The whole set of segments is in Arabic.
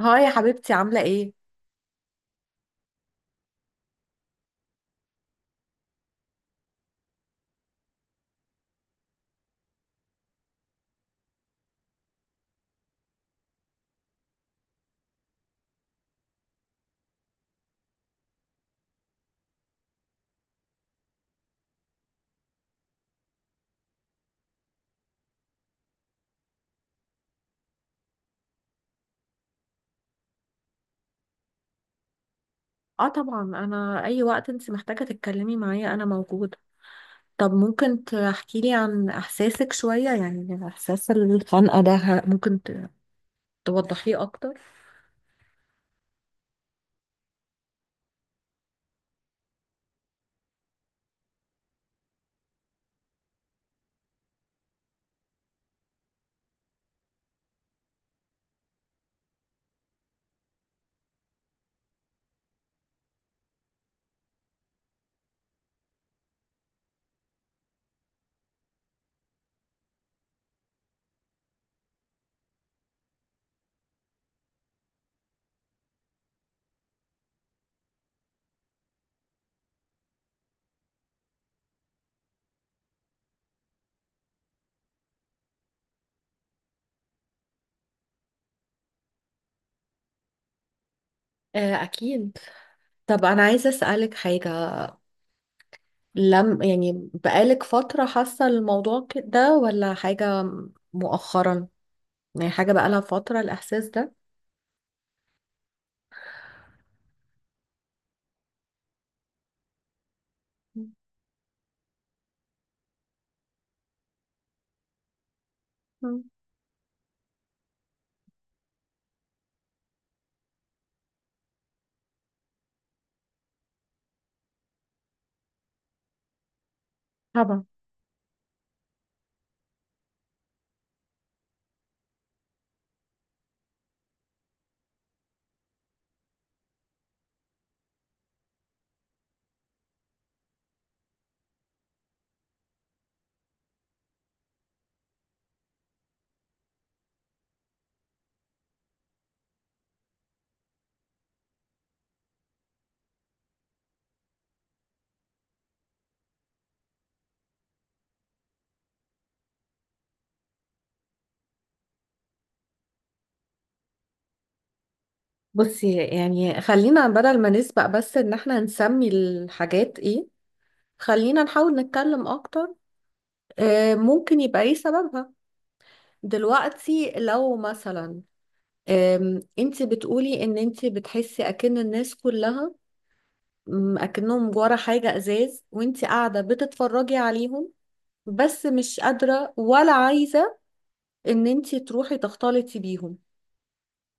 هاي يا حبيبتي، عاملة ايه؟ اه طبعا، انا اي وقت انت محتاجة تتكلمي معايا انا موجودة. طب ممكن تحكي لي عن احساسك شوية، يعني احساس الخنقة ده توضحيه اكتر؟ آه أكيد. طب انا عايزة اسألك حاجة. لم يعني بقالك فترة حاسة الموضوع ده ولا حاجة مؤخرا؟ يعني حاجة بقالها فترة الاحساس ده؟ مم. طبعا. بصي، يعني خلينا بدل ما نسبق بس ان احنا نسمي الحاجات ايه، خلينا نحاول نتكلم اكتر. ممكن يبقى ايه سببها دلوقتي؟ لو مثلا انت بتقولي ان انت بتحسي اكن الناس كلها، اكنهم ورا حاجة ازاز وانت قاعدة بتتفرجي عليهم بس مش قادرة ولا عايزة ان انت تروحي تختلطي بيهم،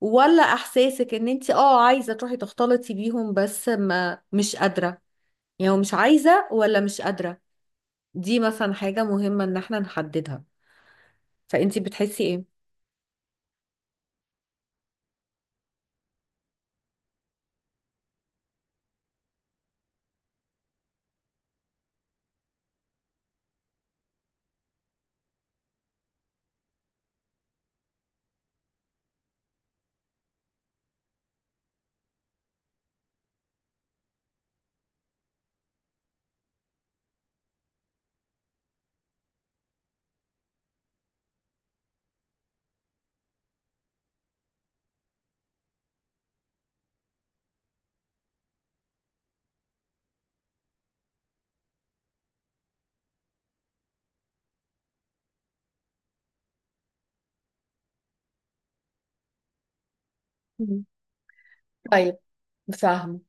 ولا احساسك ان انت اه عايزة تروحي تختلطي بيهم بس ما مش قادرة؟ يعني مش عايزة ولا مش قادرة؟ دي مثلا حاجة مهمة ان احنا نحددها، فانتي بتحسي ايه؟ مم. طيب. فاهمة.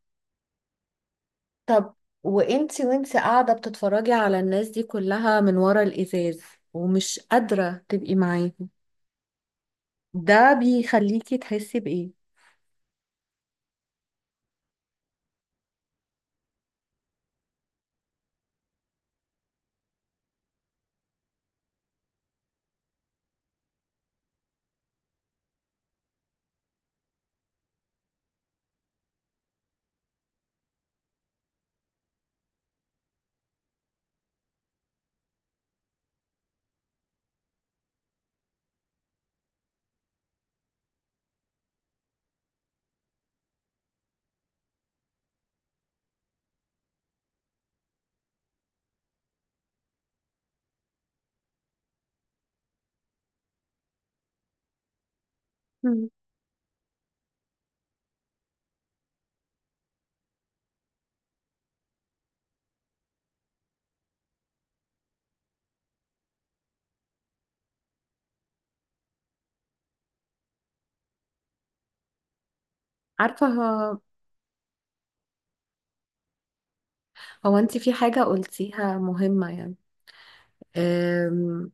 طب وانتي قاعدة بتتفرجي على الناس دي كلها من ورا الإزاز ومش قادرة تبقي معاهم، ده بيخليكي تحسي بإيه؟ مم. عارفة، هو انتي في حاجة قلتيها مهمة، يعني أم...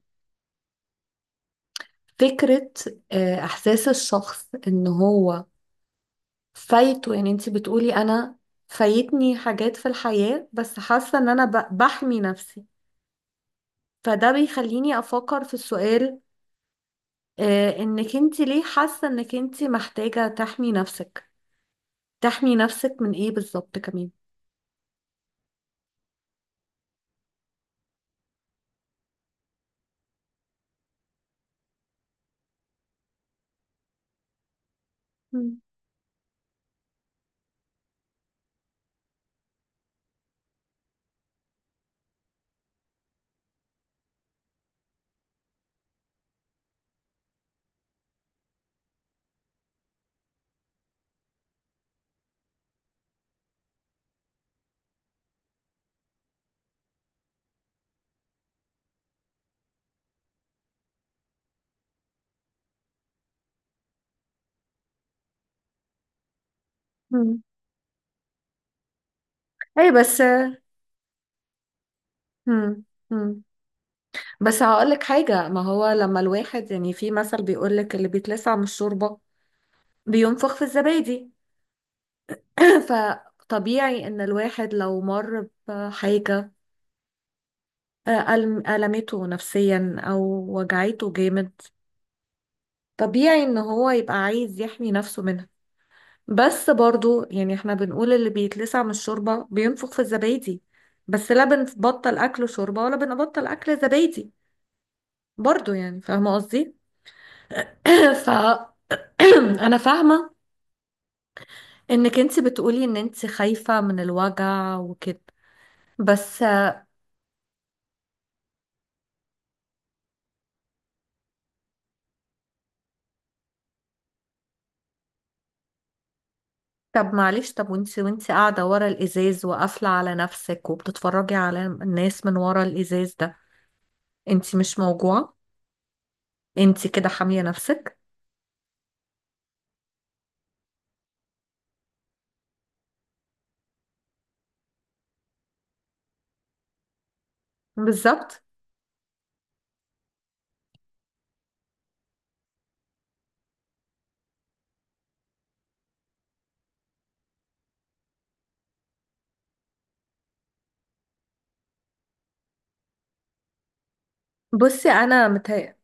فكرة. إحساس الشخص إن هو فايته، يعني انتي بتقولي أنا فايتني حاجات في الحياة بس حاسة إن أنا بحمي نفسي. فده بيخليني أفكر في السؤال، انك انت ليه حاسة انك انت محتاجة تحمي نفسك؟ تحمي نفسك من ايه بالظبط كمان؟ مم. مم. اي بس. مم. مم. بس هقولك حاجة، ما هو لما الواحد، يعني في مثل بيقولك اللي بيتلسع من الشوربة بينفخ في الزبادي. فطبيعي ان الواحد لو مر بحاجة ألمته نفسيا او وجعته جامد، طبيعي ان هو يبقى عايز يحمي نفسه منها. بس برضو، يعني احنا بنقول اللي بيتلسع من الشوربة بينفخ في الزبادي بس لا بنبطل أكل شوربة ولا بنبطل أكل زبادي. برضو يعني فاهمة قصدي؟ ف أنا فاهمة إنك انت بتقولي إن انت خايفة من الوجع وكده، بس طب معلش، طب وانت قاعدة ورا الإزاز وقافلة على نفسك وبتتفرجي على الناس من ورا الإزاز ده، انت مش موجوعة؟ انت كده حامية نفسك؟ بالظبط. بصي، أنا متهيأ.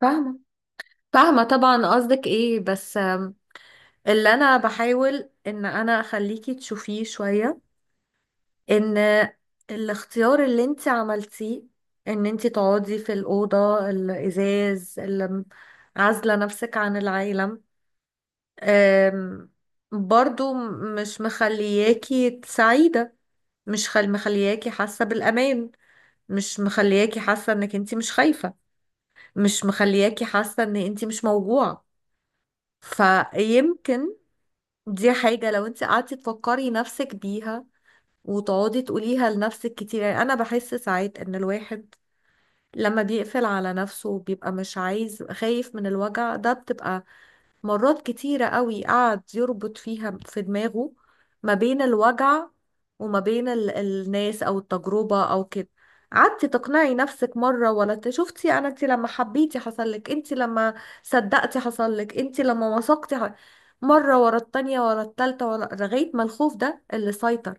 فاهمة. فاهمة طبعا قصدك ايه، بس اللي انا بحاول ان انا اخليكي تشوفيه شوية ان الاختيار اللي انت عملتيه، ان انت تقعدي في الأوضة الإزاز اللي عازلة نفسك عن العالم، آم، برضو مش مخلياكي سعيدة، مش خل مخلياكي حاسة بالأمان، مش مخلياكي حاسة انك انت مش خايفة، مش مخلياكي حاسة ان انت مش موجوعة. فيمكن دي حاجة لو انت قعدتي تفكري نفسك بيها وتقعدي تقوليها لنفسك كتير. يعني انا بحس ساعات ان الواحد لما بيقفل على نفسه وبيبقى مش عايز، خايف من الوجع، ده بتبقى مرات كتيرة قوي قعد يربط فيها في دماغه ما بين الوجع وما بين الناس أو التجربة أو كده. قعدتي تقنعي نفسك مرة ولا شفتي أنا أنت لما حبيتي حصل لك، أنت لما صدقتي حصل لك، أنت لما وثقتي مرة ورا التانية ورا التالتة ورا، لغاية ما الخوف ده اللي سيطر.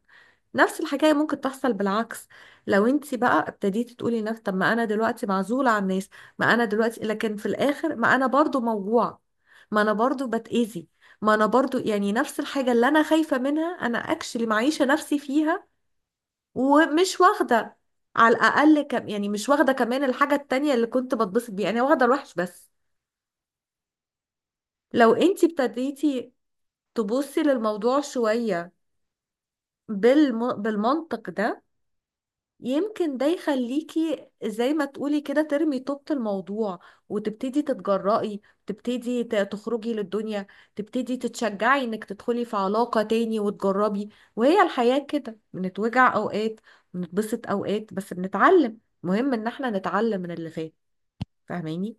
نفس الحكاية ممكن تحصل بالعكس، لو انت بقى ابتديتي تقولي نفس، طب ما انا دلوقتي معزولة عن الناس، ما انا دلوقتي، لكن في الاخر ما انا برضو موجوعة، ما انا برضو بتأذي، ما انا برضو يعني نفس الحاجة اللي انا خايفة منها انا اكشلي معيشة نفسي فيها، ومش واخدة على الاقل كم، يعني مش واخدة كمان الحاجة التانية اللي كنت بتبسط بيها، انا واخدة الوحش بس. لو انتي ابتديتي تبصي للموضوع شوية بالمنطق ده، يمكن ده يخليكي زي ما تقولي كده ترمي طوبة الموضوع وتبتدي تتجرأي، تبتدي تخرجي للدنيا، تبتدي تتشجعي انك تدخلي في علاقة تاني وتجربي. وهي الحياة كده، بنتوجع اوقات، بنتبسط اوقات، بس بنتعلم. مهم ان احنا نتعلم من اللي فات. فاهماني؟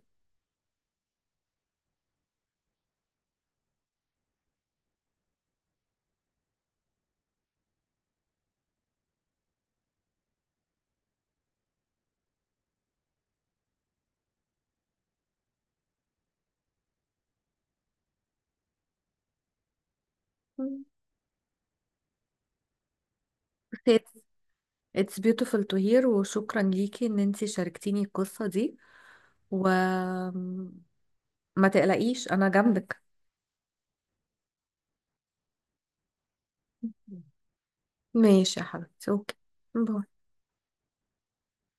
مم. It's beautiful to hear. وشكرا ليكي ان انتي شاركتيني القصة دي، وما تقلقيش انا جنبك. ماشي يا حبيبتي، اوكي، باي.